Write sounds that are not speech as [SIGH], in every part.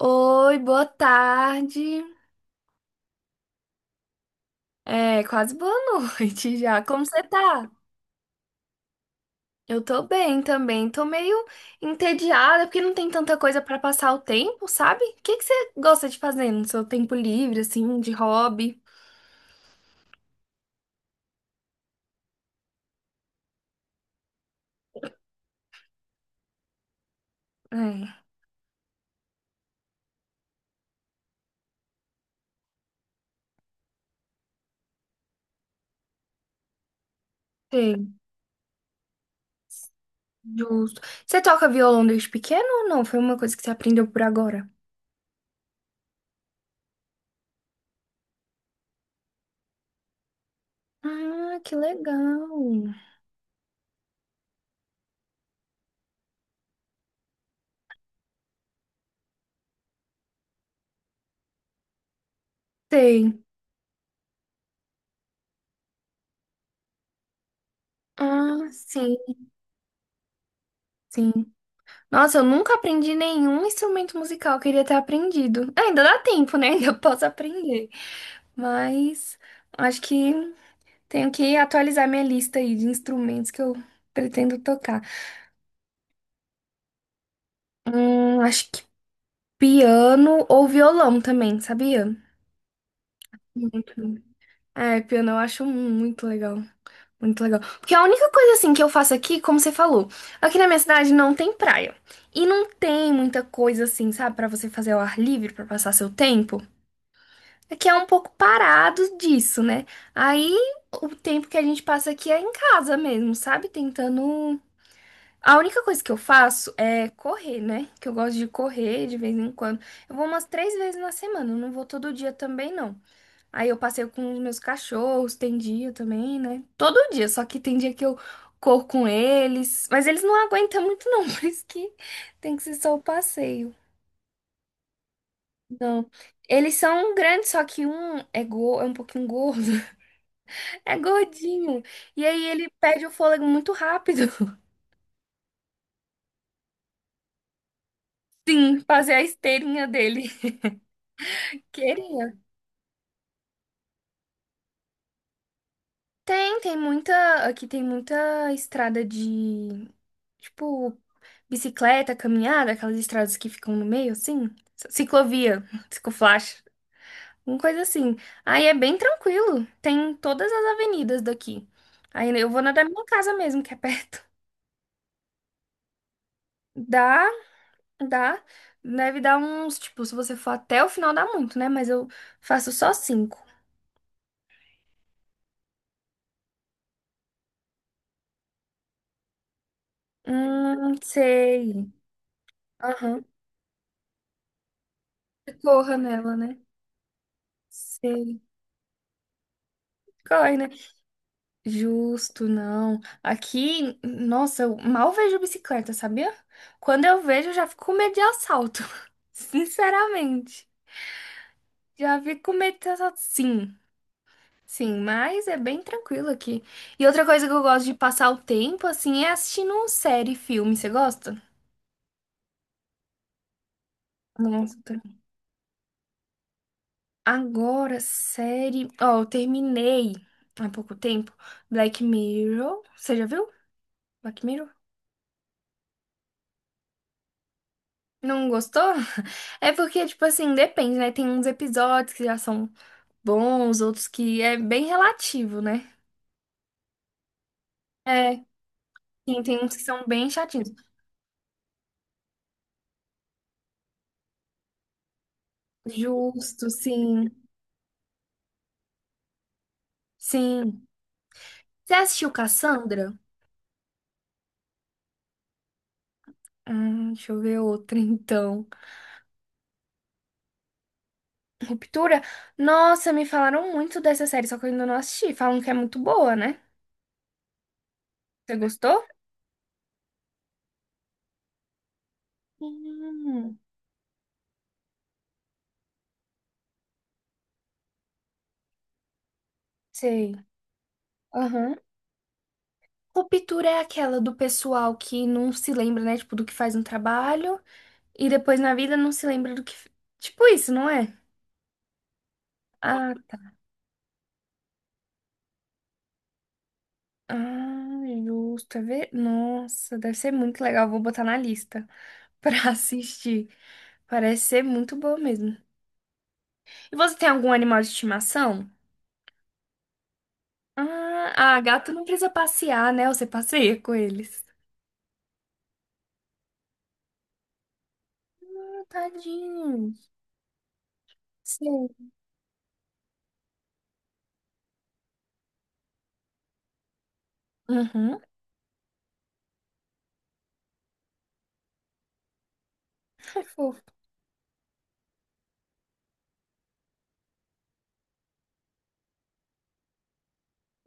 Oi, boa tarde. É, quase boa [LAUGHS] noite já. Como você tá? Eu tô bem também. Tô meio entediada porque não tem tanta coisa pra passar o tempo, sabe? O que que você gosta de fazer no seu tempo livre, assim, de hobby? É, sei, justo. Você toca violão desde pequeno ou não? Foi uma coisa que você aprendeu por agora? Ah, que legal. Sei. Ah, sim, sim. Nossa, eu nunca aprendi nenhum instrumento musical, eu queria ter aprendido. Ah, ainda dá tempo, né? [LAUGHS] Ainda posso aprender. Mas acho que tenho que atualizar minha lista aí de instrumentos que eu pretendo tocar. Acho que piano ou violão também, sabia? Muito. É, piano eu acho muito legal. Muito legal. Porque a única coisa assim que eu faço aqui, como você falou, aqui na minha cidade não tem praia. E não tem muita coisa assim, sabe, pra você fazer ao ar livre, pra passar seu tempo. É que é um pouco parado disso, né? Aí o tempo que a gente passa aqui é em casa mesmo, sabe? Tentando. A única coisa que eu faço é correr, né? Que eu gosto de correr de vez em quando. Eu vou umas três vezes na semana, eu não vou todo dia também, não. Aí eu passeio com os meus cachorros, tem dia também, né? Todo dia, só que tem dia que eu corro com eles. Mas eles não aguentam muito, não, [LAUGHS] por isso que tem que ser só o passeio. Não. Eles são grandes, só que um é, go é um pouquinho gordo. É gordinho. E aí ele perde o fôlego muito rápido. [LAUGHS] Sim, fazer a esteirinha dele. [LAUGHS] Queria. Tem, tem muita. Aqui tem muita estrada de. Tipo, bicicleta, caminhada, aquelas estradas que ficam no meio, assim. Ciclovia, [LAUGHS] ciclofaixa, uma coisa assim. Aí é bem tranquilo. Tem todas as avenidas daqui. Aí eu vou na da minha casa mesmo, que é perto. Dá. Dá, deve dar uns, tipo, se você for até o final, dá muito, né? Mas eu faço só cinco. Sei. Aham. Corra nela, né? Sei. Corre, né? Justo, não. Aqui, nossa, eu mal vejo bicicleta, sabia? Quando eu vejo, eu já fico com medo de assalto. [LAUGHS] Sinceramente. Já fico com medo de assalto, sim. Sim, mas é bem tranquilo aqui. E outra coisa que eu gosto de passar o tempo, assim, é assistindo série e filme. Você gosta? Nossa, tá. Agora, série. Ó, eu terminei há pouco tempo Black Mirror. Você já viu? Black Mirror? Não gostou? [LAUGHS] É porque, tipo assim, depende, né? Tem uns episódios que já são bons, outros que é bem relativo, né? É, sim, tem uns que são bem chatinhos. Justo, sim. Sim. Você assistiu Cassandra? Deixa eu ver outra, então. Ruptura? Nossa, me falaram muito dessa série, só que eu ainda não assisti. Falam que é muito boa, né? Você gostou? Hum. Sei. Aham. Ruptura é aquela do pessoal que não se lembra, né? Tipo, do que faz no trabalho e depois na vida não se lembra do que. Tipo isso, não é? Ah, tá. Ah, justo. É ver. Nossa, deve ser muito legal. Vou botar na lista [LAUGHS] pra assistir. Parece ser muito boa mesmo. E você tem algum animal de estimação? Ah, ah, gato não precisa passear, né? Você passeia com eles. Ah, tadinho. Sim. Uhum. [LAUGHS] Ai, fofo.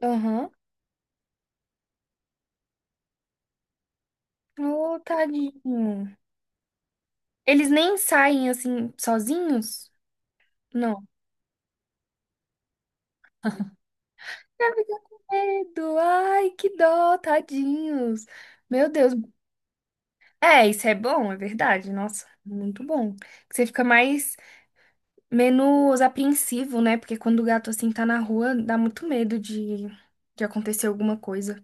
Aham. Ô, tadinho. Eles nem saem assim sozinhos? Não. Eu fico com medo. Ai, que dó, tadinhos. Meu Deus. É, isso é bom, é verdade. Nossa, muito bom. Que você fica mais, menos apreensivo, né? Porque quando o gato assim tá na rua, dá muito medo de acontecer alguma coisa.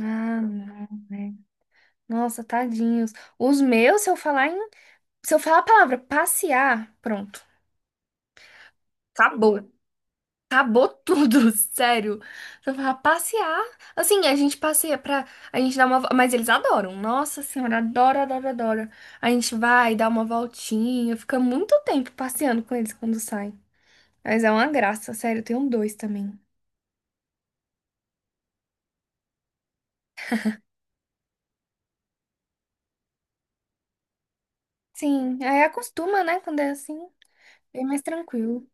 Ah, não, né? Nossa, tadinhos. Os meus, se eu falar em, se eu falar a palavra passear, pronto. Acabou. Acabou tudo, [LAUGHS] sério. Só pra passear. Assim, a gente passeia pra. A gente dá uma. Mas eles adoram. Nossa senhora, adora, adora, adora. A gente vai, dá uma voltinha. Fica muito tempo passeando com eles quando saem. Mas é uma graça, sério. Eu tenho dois também. Sim, aí acostuma, né? Quando é assim, bem mais tranquilo.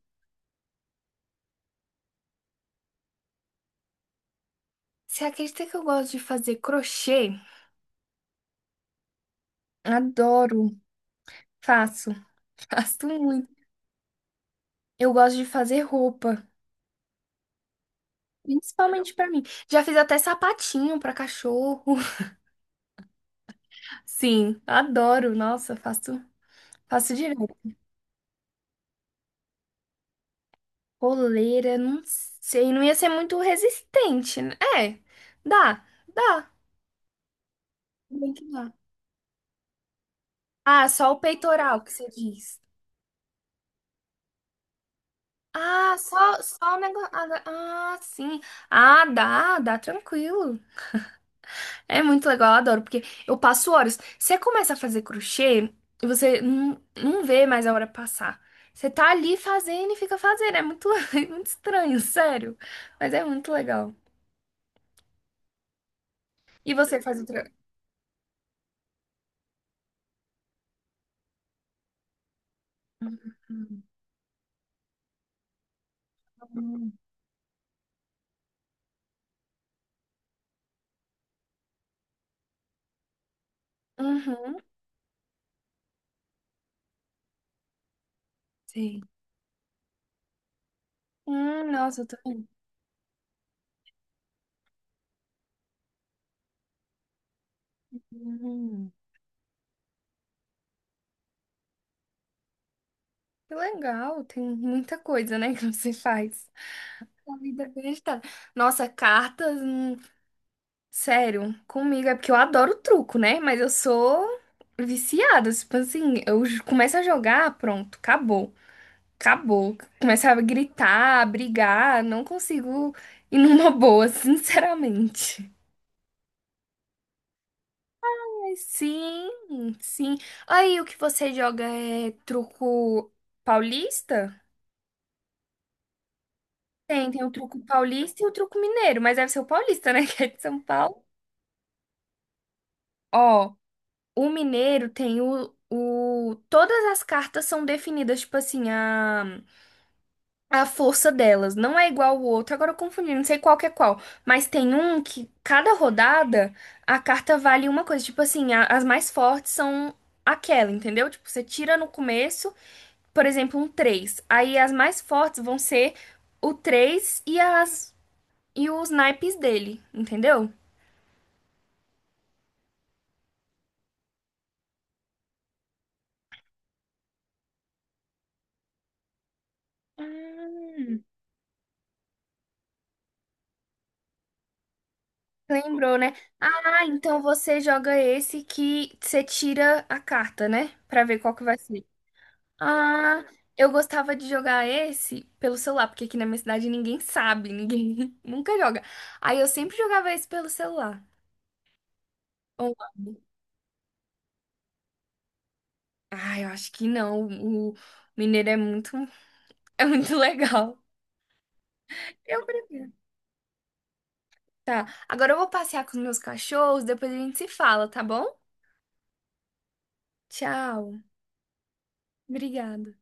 Você acredita que eu gosto de fazer crochê? Adoro. Faço. [LAUGHS] Faço muito. Eu gosto de fazer roupa. Principalmente pra mim. Já fiz até sapatinho pra cachorro. [LAUGHS] Sim, adoro. Nossa, faço, faço direto. Coleira, não sei, não ia ser muito resistente, né? É, dá, dá. Bem que dá. Ah, só o peitoral que você diz. Ah, só, só o negócio. Ah, sim. Ah, dá, dá tranquilo. É muito legal, eu adoro, porque eu passo horas. Você começa a fazer crochê e você não, não vê mais a hora passar. Você tá ali fazendo e fica fazendo. É muito, [LAUGHS] é muito estranho, sério. Mas é muito legal. E você faz outra. Hum. Uhum. Sim. Nossa, eu tô vendo. Hum. Que legal, tem muita coisa, né, que você faz. A vida é bem agitada. Nossa, cartas. Sério, comigo é porque eu adoro truco, né? Mas eu sou viciada. Tipo assim, eu começo a jogar, pronto, acabou. Acabou. Começo a gritar, a brigar, não consigo ir numa boa, [LAUGHS] sinceramente. Mas sim, sim. Aí o que você joga é truco paulista? Tem, tem o truco paulista e o truco mineiro, mas deve ser o paulista, né? [LAUGHS] Que é de São Paulo. Ó. O mineiro tem o. Todas as cartas são definidas, tipo assim, a força delas. Não é igual o outro. Agora eu confundi, não sei qual que é qual. Mas tem um que, cada rodada, a carta vale uma coisa. Tipo assim, as mais fortes são aquela, entendeu? Tipo, você tira no começo, por exemplo, um três. Aí as mais fortes vão ser o 3 e as. E os naipes dele, entendeu? Ah. Lembrou, né? Ah, então você joga esse que você tira a carta, né? Pra ver qual que vai ser. Ah, eu gostava de jogar esse pelo celular, porque aqui na minha cidade ninguém sabe, ninguém [LAUGHS] nunca joga. Aí eu sempre jogava esse pelo celular. Online. Ah, eu acho que não. O mineiro é muito, [LAUGHS] é muito legal. Eu prefiro. Tá, agora eu vou passear com os meus cachorros, depois a gente se fala, tá bom? Tchau. Obrigada.